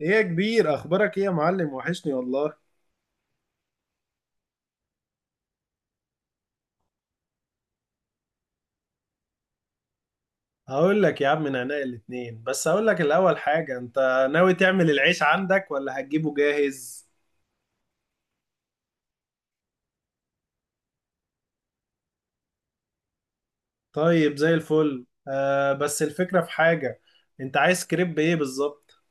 ايه يا كبير، اخبارك ايه يا معلم؟ وحشني والله. هقول لك يا عم من عناء الاتنين، بس هقول لك الاول حاجة، انت ناوي تعمل العيش عندك ولا هتجيبه جاهز؟ طيب، زي الفل. بس الفكرة في حاجة، انت عايز كريب ايه بالظبط؟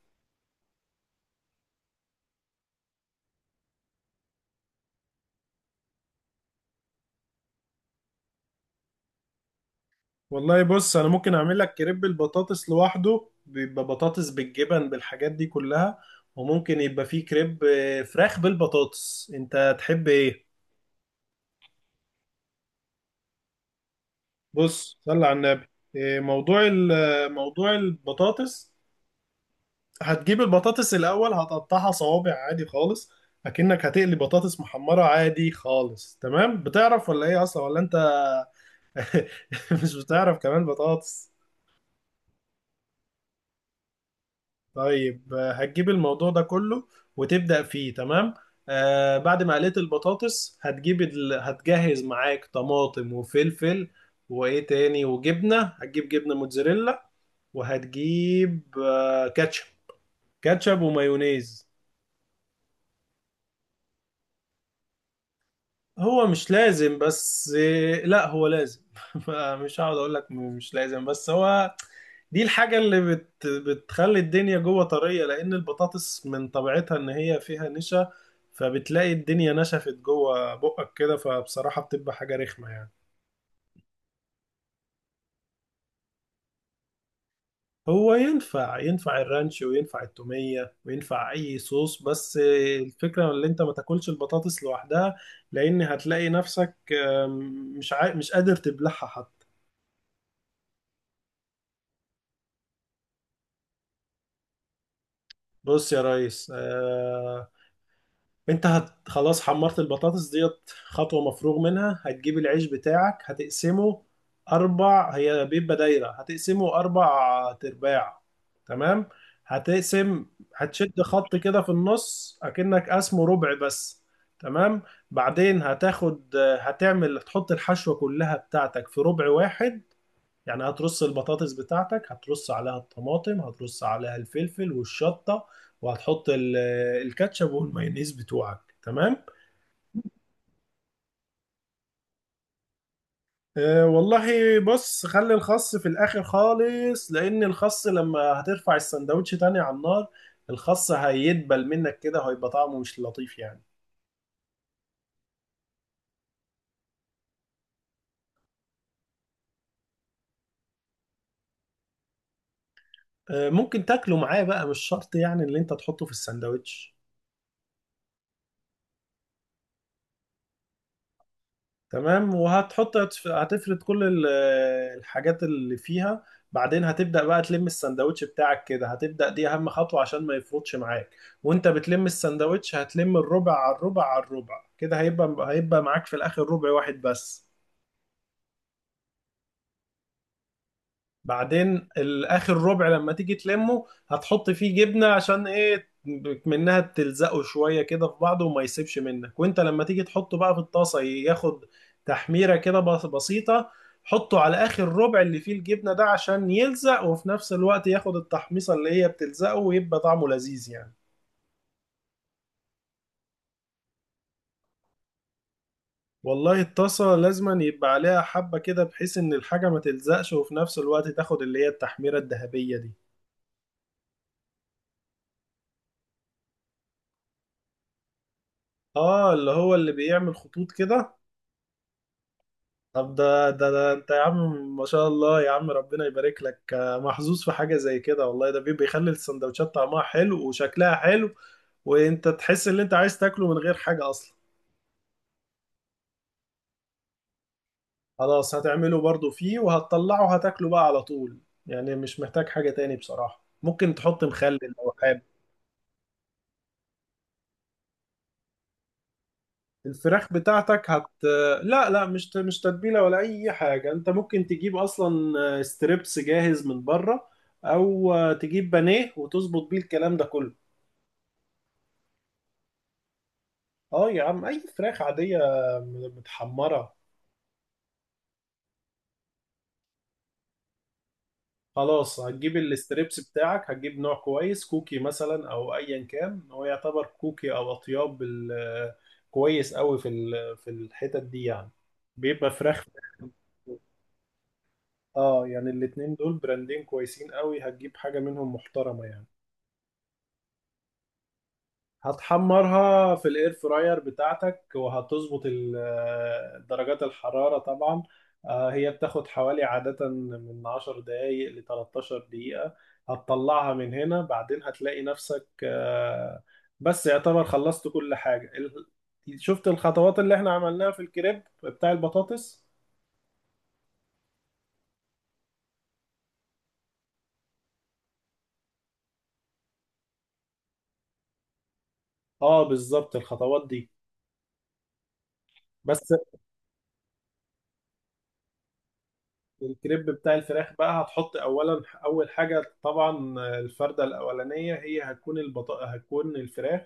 والله بص، انا ممكن اعمل لك كريب البطاطس لوحده، بيبقى بطاطس بالجبن بالحاجات دي كلها. وممكن يبقى فيه كريب فراخ بالبطاطس. انت تحب ايه؟ بص، صلي على النبي. إيه، موضوع ال- آه، موضوع البطاطس. هتجيب البطاطس الأول، هتقطعها صوابع عادي خالص. أكنك هتقلي بطاطس محمرة عادي خالص. تمام؟ بتعرف ولا إيه أصلا ولا أنت؟ مش بتعرف كمان بطاطس؟ طيب. هتجيب الموضوع ده كله وتبدأ فيه. تمام. بعد ما قليت البطاطس هتجهز معاك طماطم وفلفل. وإيه تاني؟ وجبنة، هتجيب جبنة موتزاريلا. وهتجيب كاتشب. كاتشب ومايونيز. هو مش لازم بس، لا هو لازم. مش هقعد اقول لك مش لازم، بس هو دي الحاجة اللي بتخلي الدنيا جوه طرية، لان البطاطس من طبيعتها ان هي فيها نشا. فبتلاقي الدنيا نشفت جوه بقك كده، فبصراحة بتبقى حاجة رخمة يعني. هو ينفع الرانش، وينفع التومية، وينفع اي صوص. بس الفكرة ان انت ما تاكلش البطاطس لوحدها، لان هتلاقي نفسك مش قادر تبلعها حتى. بص يا ريس، انت هت خلاص، حمرت البطاطس ديت، خطوة مفروغ منها. هتجيب العيش بتاعك هتقسمه اربع. هي بيبقى دايرة، هتقسمه اربع ترباع. تمام. هتقسم. هتشد خط كده في النص، اكنك قسمه ربع بس. تمام. بعدين هتاخد هتعمل هتحط الحشوة كلها بتاعتك في ربع واحد. يعني هترص البطاطس بتاعتك، هترص عليها الطماطم، هترص عليها الفلفل والشطة. وهتحط الكاتشب والمايونيز بتوعك. تمام. أه والله. بص، خلي الخس في الاخر خالص، لان الخس لما هترفع السندوتش تاني على النار، الخس هيدبل منك كده، هيبقى طعمه مش لطيف يعني. أه، ممكن تاكله معاه بقى، مش شرط يعني اللي انت تحطه في السندوتش. تمام. هتفرد الحاجات اللي فيها. بعدين هتبدأ بقى تلم السندوتش بتاعك كده. هتبدأ، دي أهم خطوة عشان ما يفرطش معاك. وانت بتلم السندوتش هتلم الربع على الربع على الربع كده، هيبقى معاك في الآخر ربع واحد بس. بعدين الاخر ربع لما تيجي تلمه، هتحط فيه جبنه، عشان ايه؟ منها تلزقه شويه كده في بعضه وما يسيبش منك. وانت لما تيجي تحطه بقى في الطاسه، ياخد تحميره كده بسيطه. حطه على اخر ربع اللي فيه الجبنه ده، عشان يلزق، وفي نفس الوقت ياخد التحميصه اللي هي بتلزقه، ويبقى طعمه لذيذ يعني. والله الطاسة لازما يبقى عليها حبة كده، بحيث إن الحاجة ما تلزقش، وفي نفس الوقت تاخد اللي هي التحميرة الذهبية دي. آه، اللي هو اللي بيعمل خطوط كده. طب ده انت يا عم، ما شاء الله يا عم، ربنا يبارك لك. محظوظ في حاجة زي كده والله. ده بيخلي السندوتشات طعمها حلو وشكلها حلو. وانت تحس ان انت عايز تاكله من غير حاجة اصلا. خلاص، هتعمله برضو فيه وهتطلعه، هتاكله بقى على طول. يعني مش محتاج حاجة تاني بصراحة. ممكن تحط مخلل لو حابب. الفراخ بتاعتك هت لا لا، مش تتبيلة ولا اي حاجة. انت ممكن تجيب اصلا ستريبس جاهز من بره. او تجيب بانيه وتظبط بيه الكلام ده كله. اه يا عم، اي فراخ عادية متحمرة. خلاص، هتجيب الستريبس بتاعك، هتجيب نوع كويس، كوكي مثلا او ايا كان. هو يعتبر كوكي او اطياب كويس قوي في الحتت دي يعني. بيبقى فراخ. اه، يعني الاتنين دول براندين كويسين قوي، هتجيب حاجة منهم محترمة يعني. هتحمرها في الاير فراير بتاعتك، وهتظبط درجات الحرارة طبعا. هي بتاخد حوالي عادة من 10 دقايق ل 13 دقيقة. هتطلعها من هنا. بعدين هتلاقي نفسك بس يعتبر خلصت كل حاجة. شفت الخطوات اللي احنا عملناها في الكريب بتاع البطاطس؟ اه، بالظبط الخطوات دي بس. الكريب بتاع الفراخ بقى، هتحط اولا، اول حاجه طبعا الفرده الاولانيه، هي هتكون هتكون الفراخ.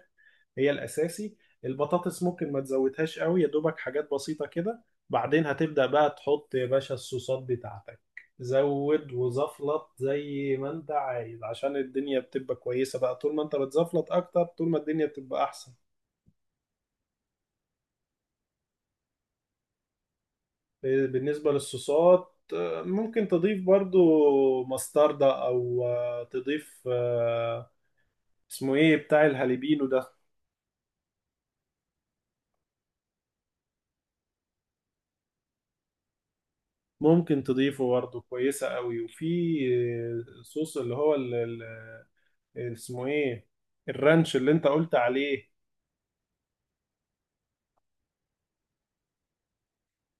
هي الاساسي. البطاطس ممكن ما تزودهاش قوي، يا دوبك حاجات بسيطه كده. بعدين هتبدا بقى تحط يا باشا الصوصات بتاعتك. زود وزفلط زي ما انت عايز، عشان الدنيا بتبقى كويسه بقى. طول ما انت بتزفلط اكتر، طول ما الدنيا بتبقى احسن. بالنسبه للصوصات، ممكن تضيف برضو مستردة، او تضيف، اسمه ايه بتاع الهاليبينو ده؟ ممكن تضيفه برضه، كويسة قوي. وفي صوص اللي هو اسمه ايه؟ الرانش اللي انت قلت عليه.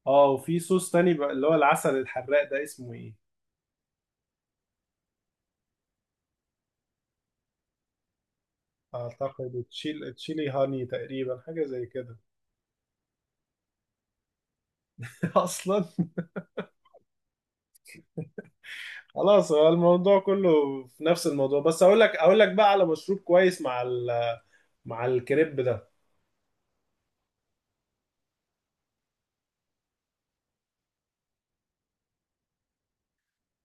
اه، وفي صوص تاني بقى اللي هو العسل الحراق ده اسمه ايه؟ اعتقد تشيلي هاني تقريبا، حاجة زي كده. اصلا. خلاص، هو الموضوع كله في نفس الموضوع. بس اقول لك بقى على مشروب كويس مع مع الكريب ده.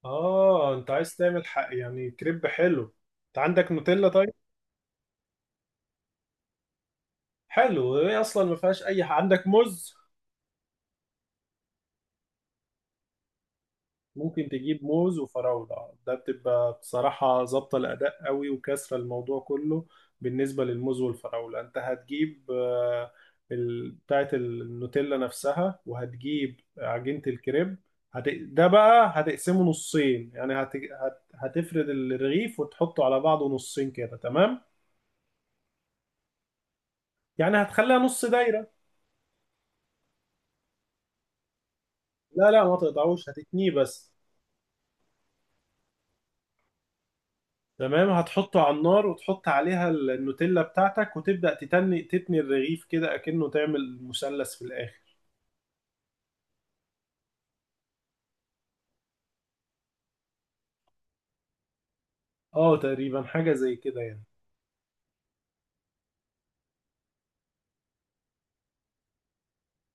اه، انت عايز تعمل حق يعني كريب حلو. انت عندك نوتيلا؟ طيب. حلو. هي اصلا ما فيهاش اي حاجة. عندك موز؟ ممكن تجيب موز وفراولة، ده بتبقى بصراحة ظابطة الأداء قوي، وكسرة الموضوع كله. بالنسبة للموز والفراولة، انت هتجيب بتاعة النوتيلا نفسها، وهتجيب عجينة الكريب. ده بقى هتقسمه نصين يعني هتفرد الرغيف وتحطه على بعضه نصين كده. تمام. يعني هتخليها نص دايرة. لا لا، ما تقطعوش، هتتنيه بس. تمام، هتحطه على النار، وتحط عليها النوتيلا بتاعتك، وتبدأ تتني تتني الرغيف كده، أكنه تعمل مثلث في الآخر. اه، تقريبا حاجة زي كده يعني.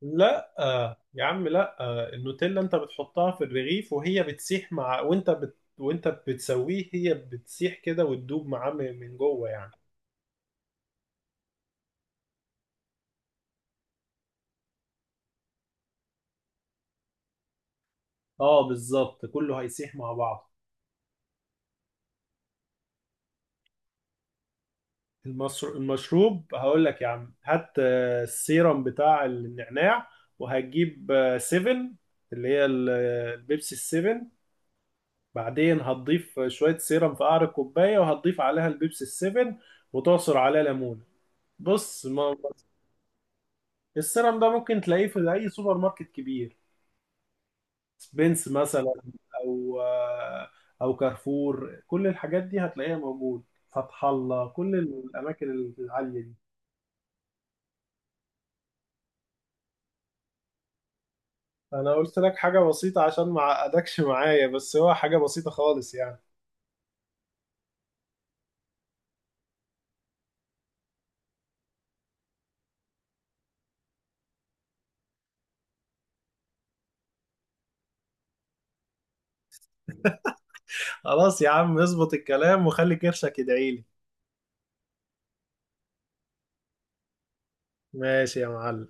لا، يا عم، لا، النوتيلا انت بتحطها في الرغيف وهي بتسيح مع وانت بتسويه، هي بتسيح كده وتدوب معاه من جوه يعني. اه، بالظبط كله هيسيح مع بعض. المشروب هقول لك يا عم، هات السيرم بتاع النعناع. وهتجيب سيفن، اللي هي البيبسي السيفن. بعدين هتضيف شوية سيرم في قعر الكوباية، وهتضيف عليها البيبسي السيفن، وتعصر عليها ليمون. بص. ما... السيرم ده ممكن تلاقيه في أي سوبر ماركت كبير، سبينس مثلا. أو آه، أو كارفور، كل الحاجات دي هتلاقيها موجود. فتح الله، كل الأماكن العالية دي. انا قلت لك حاجة بسيطة عشان ما اعقدكش معايا. بس هو حاجة بسيطة خالص يعني. خلاص يا عم، اظبط الكلام وخلي كرشك يدعيلي. ماشي يا معلم.